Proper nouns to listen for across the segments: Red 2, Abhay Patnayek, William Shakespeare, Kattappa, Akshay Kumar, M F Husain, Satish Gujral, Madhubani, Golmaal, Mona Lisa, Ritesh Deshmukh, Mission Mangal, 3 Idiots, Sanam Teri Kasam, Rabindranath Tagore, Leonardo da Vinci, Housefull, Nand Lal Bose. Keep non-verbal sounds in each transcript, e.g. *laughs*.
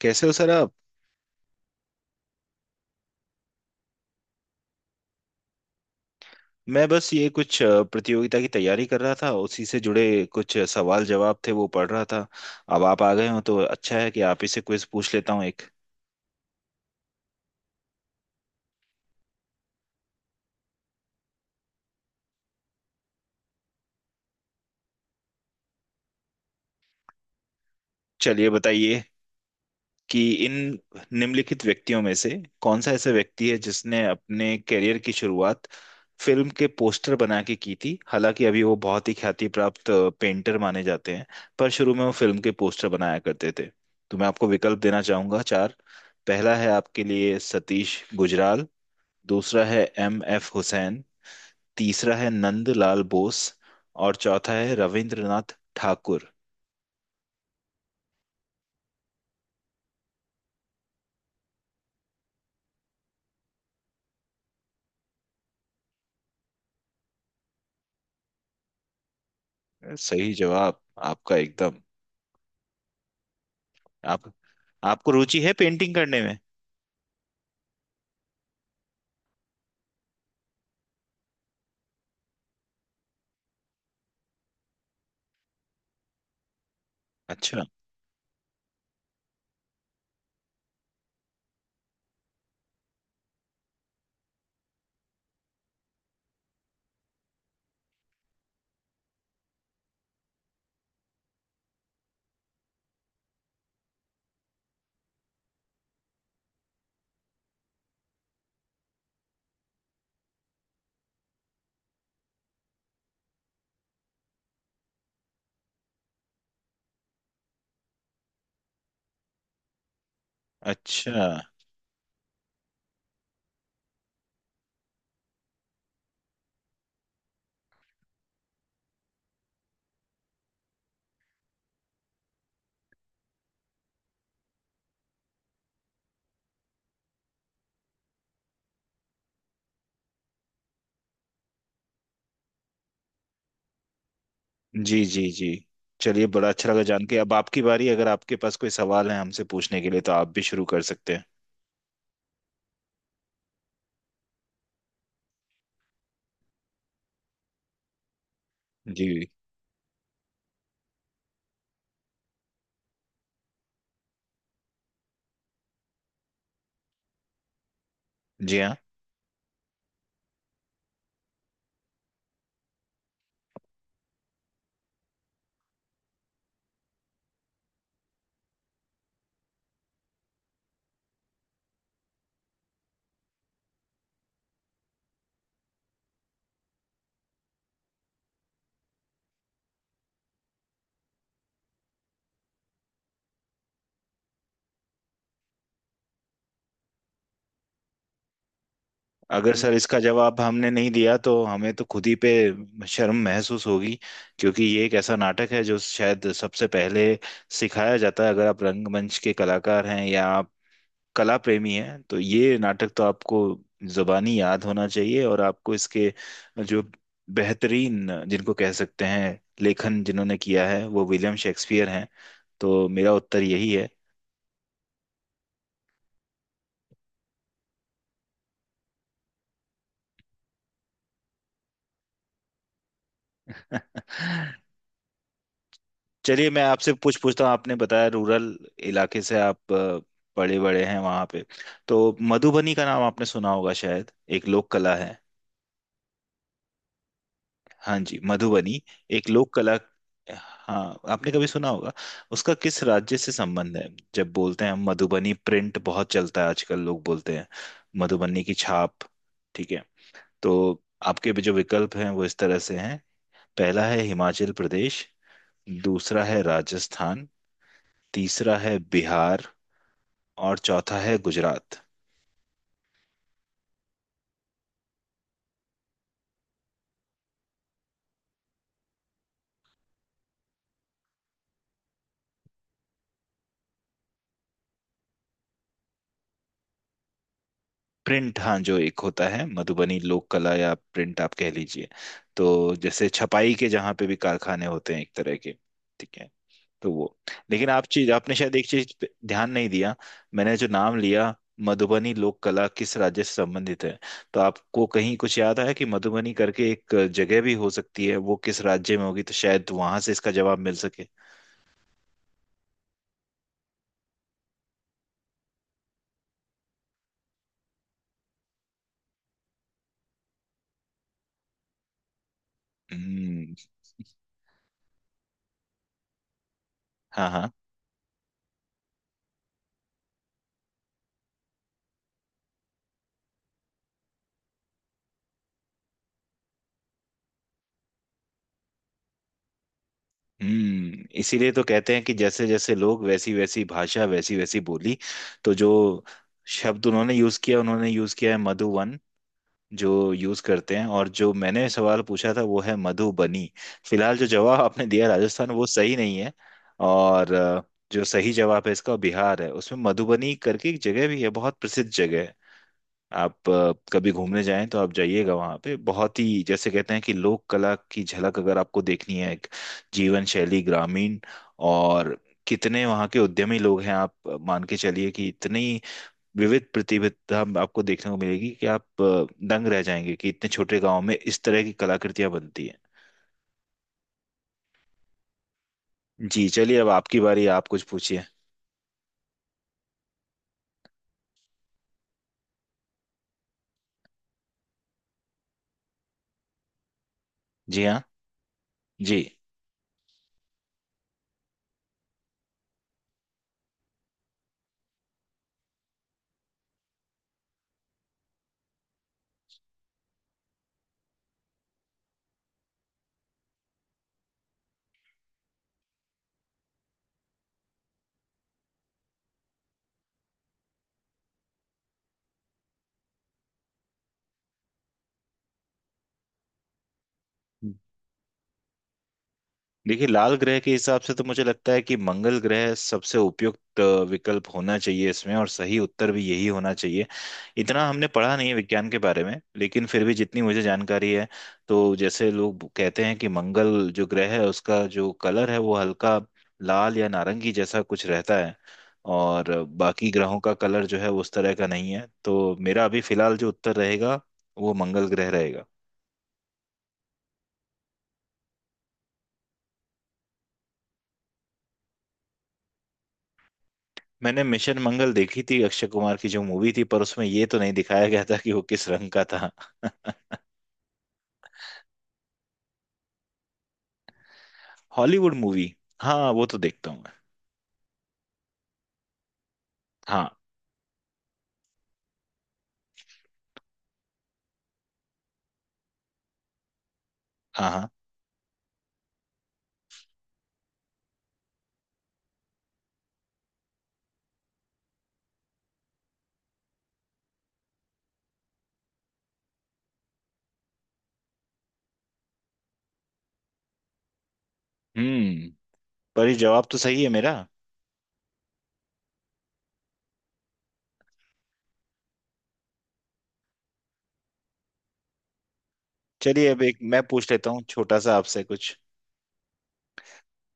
कैसे हो सर आप। मैं बस ये कुछ प्रतियोगिता की तैयारी कर रहा था, उसी से जुड़े कुछ सवाल जवाब थे वो पढ़ रहा था। अब आप आ गए हो तो अच्छा है कि आप ही से क्विज पूछ लेता हूँ एक। चलिए बताइए कि इन निम्नलिखित व्यक्तियों में से कौन सा ऐसा व्यक्ति है जिसने अपने करियर की शुरुआत फिल्म के पोस्टर बना के की थी, हालांकि अभी वो बहुत ही ख्याति प्राप्त पेंटर माने जाते हैं, पर शुरू में वो फिल्म के पोस्टर बनाया करते थे। तो मैं आपको विकल्प देना चाहूंगा चार। पहला है आपके लिए सतीश गुजराल, दूसरा है MF हुसैन, तीसरा है नंद लाल बोस, और चौथा है रविंद्रनाथ ठाकुर। सही जवाब आपका एकदम। आप आपको रुचि है पेंटिंग करने में? अच्छा। अच्छा। जी जी जी। चलिए बड़ा अच्छा लगा जान के। अब आपकी बारी, अगर आपके पास कोई सवाल है हमसे पूछने के लिए तो आप भी शुरू कर सकते हैं। जी। जी हाँ। अगर सर इसका जवाब हमने नहीं दिया तो हमें तो खुद ही पे शर्म महसूस होगी, क्योंकि ये एक ऐसा नाटक है जो शायद सबसे पहले सिखाया जाता है, अगर आप रंगमंच के कलाकार हैं या कला प्रेमी हैं तो ये नाटक तो आपको जुबानी याद होना चाहिए। और आपको इसके जो बेहतरीन जिनको कह सकते हैं लेखन जिन्होंने किया है वो विलियम शेक्सपियर हैं। तो मेरा उत्तर यही है। *laughs* चलिए मैं आपसे पूछता हूँ, आपने बताया रूरल इलाके से आप बड़े बड़े हैं वहां पे। तो मधुबनी का नाम आपने सुना होगा शायद, एक लोक कला है। हाँ जी मधुबनी, एक लोक कला। हाँ आपने कभी सुना होगा, उसका किस राज्य से संबंध है। जब बोलते हैं हम मधुबनी प्रिंट बहुत चलता है आजकल, लोग बोलते हैं मधुबनी की छाप। ठीक है। तो आपके भी जो विकल्प हैं वो इस तरह से हैं। पहला है हिमाचल प्रदेश, दूसरा है राजस्थान, तीसरा है बिहार, और चौथा है गुजरात। प्रिंट, हाँ, जो एक होता है मधुबनी लोक कला या प्रिंट आप कह लीजिए। तो जैसे छपाई के जहाँ पे भी कारखाने होते हैं एक तरह के। ठीक है। तो वो, लेकिन आप चीज आपने शायद एक चीज पे ध्यान नहीं दिया। मैंने जो नाम लिया, मधुबनी लोक कला किस राज्य से संबंधित है। तो आपको कहीं कुछ याद आया कि मधुबनी करके एक जगह भी हो सकती है, वो किस राज्य में होगी तो शायद वहां से इसका जवाब मिल सके। हम्म। हाँ हाँ। हम्म, इसीलिए तो कहते हैं कि जैसे जैसे लोग वैसी वैसी भाषा वैसी वैसी बोली। तो जो शब्द उन्होंने यूज किया, उन्होंने यूज किया है मधुवन, जो यूज करते हैं, और जो मैंने सवाल पूछा था वो है मधुबनी। फिलहाल जो जवाब आपने दिया राजस्थान वो सही नहीं है। और जो सही जवाब है इसका बिहार है, उसमें मधुबनी करके एक जगह भी है, बहुत प्रसिद्ध जगह है। आप कभी घूमने जाएं तो आप जाइएगा, वहाँ पे बहुत ही जैसे कहते हैं कि लोक कला की झलक अगर आपको देखनी है, एक जीवन शैली ग्रामीण, और कितने वहाँ के उद्यमी लोग हैं, आप मान के चलिए कि इतनी विविध प्रतिभा आपको देखने को मिलेगी कि आप दंग रह जाएंगे कि इतने छोटे गांव में इस तरह की कलाकृतियां बनती हैं। जी चलिए, अब आपकी बारी, आप कुछ पूछिए। जी हाँ। जी। देखिए लाल ग्रह के हिसाब से तो मुझे लगता है कि मंगल ग्रह सबसे उपयुक्त विकल्प होना चाहिए इसमें, और सही उत्तर भी यही होना चाहिए। इतना हमने पढ़ा नहीं है विज्ञान के बारे में, लेकिन फिर भी जितनी मुझे जानकारी है, तो जैसे लोग कहते हैं कि मंगल जो ग्रह है उसका जो कलर है वो हल्का लाल या नारंगी जैसा कुछ रहता है। और बाकी ग्रहों का कलर जो है उस तरह का नहीं है, तो मेरा अभी फिलहाल जो उत्तर रहेगा वो मंगल ग्रह रहेगा। मैंने मिशन मंगल देखी थी, अक्षय कुमार की जो मूवी थी, पर उसमें ये तो नहीं दिखाया गया था कि वो किस रंग का था। हॉलीवुड मूवी, हाँ वो तो देखता हूँ मैं। हाँ। हाँ। हाँ। हम्म। पर ये जवाब तो सही है मेरा। चलिए अब एक मैं पूछ लेता हूँ छोटा सा आपसे कुछ।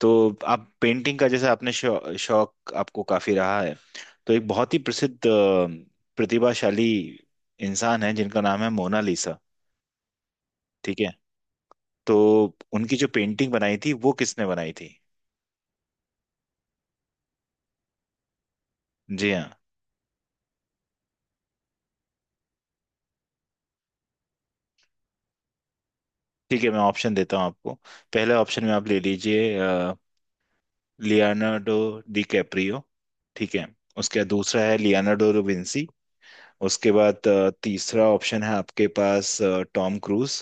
तो आप पेंटिंग का जैसे आपने शौक आपको काफी रहा है। तो एक बहुत ही प्रसिद्ध प्रतिभाशाली इंसान है जिनका नाम है मोनालिसा। ठीक है। तो उनकी जो पेंटिंग बनाई थी वो किसने बनाई थी? जी हाँ। ठीक है मैं ऑप्शन देता हूँ आपको। पहले ऑप्शन में आप ले लीजिए लियोनार्डो डी कैप्रियो। ठीक है। उसके बाद दूसरा है लियोनार्डो विंसी। उसके बाद तीसरा ऑप्शन है आपके पास टॉम क्रूज।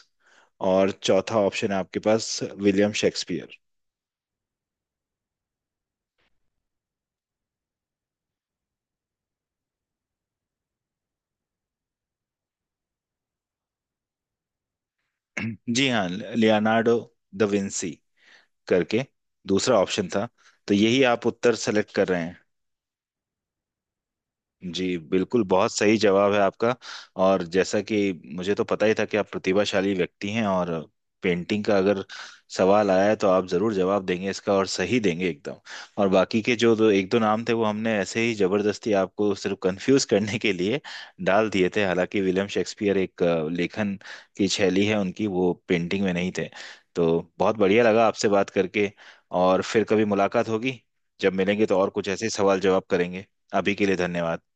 और चौथा ऑप्शन है आपके पास विलियम शेक्सपियर। *clears throat* जी हाँ, लियोनार्डो द विंसी करके दूसरा ऑप्शन था, तो यही आप उत्तर सेलेक्ट कर रहे हैं? जी बिल्कुल, बहुत सही जवाब है आपका। और जैसा कि मुझे तो पता ही था कि आप प्रतिभाशाली व्यक्ति हैं, और पेंटिंग का अगर सवाल आया है तो आप जरूर जवाब देंगे इसका और सही देंगे एकदम। और बाकी के जो दो एक दो नाम थे वो हमने ऐसे ही जबरदस्ती आपको सिर्फ कंफ्यूज करने के लिए डाल दिए थे। हालांकि विलियम शेक्सपियर एक लेखन की शैली है उनकी, वो पेंटिंग में नहीं थे। तो बहुत बढ़िया लगा आपसे बात करके, और फिर कभी मुलाकात होगी, जब मिलेंगे तो और कुछ ऐसे ही सवाल जवाब करेंगे। अभी के लिए धन्यवाद।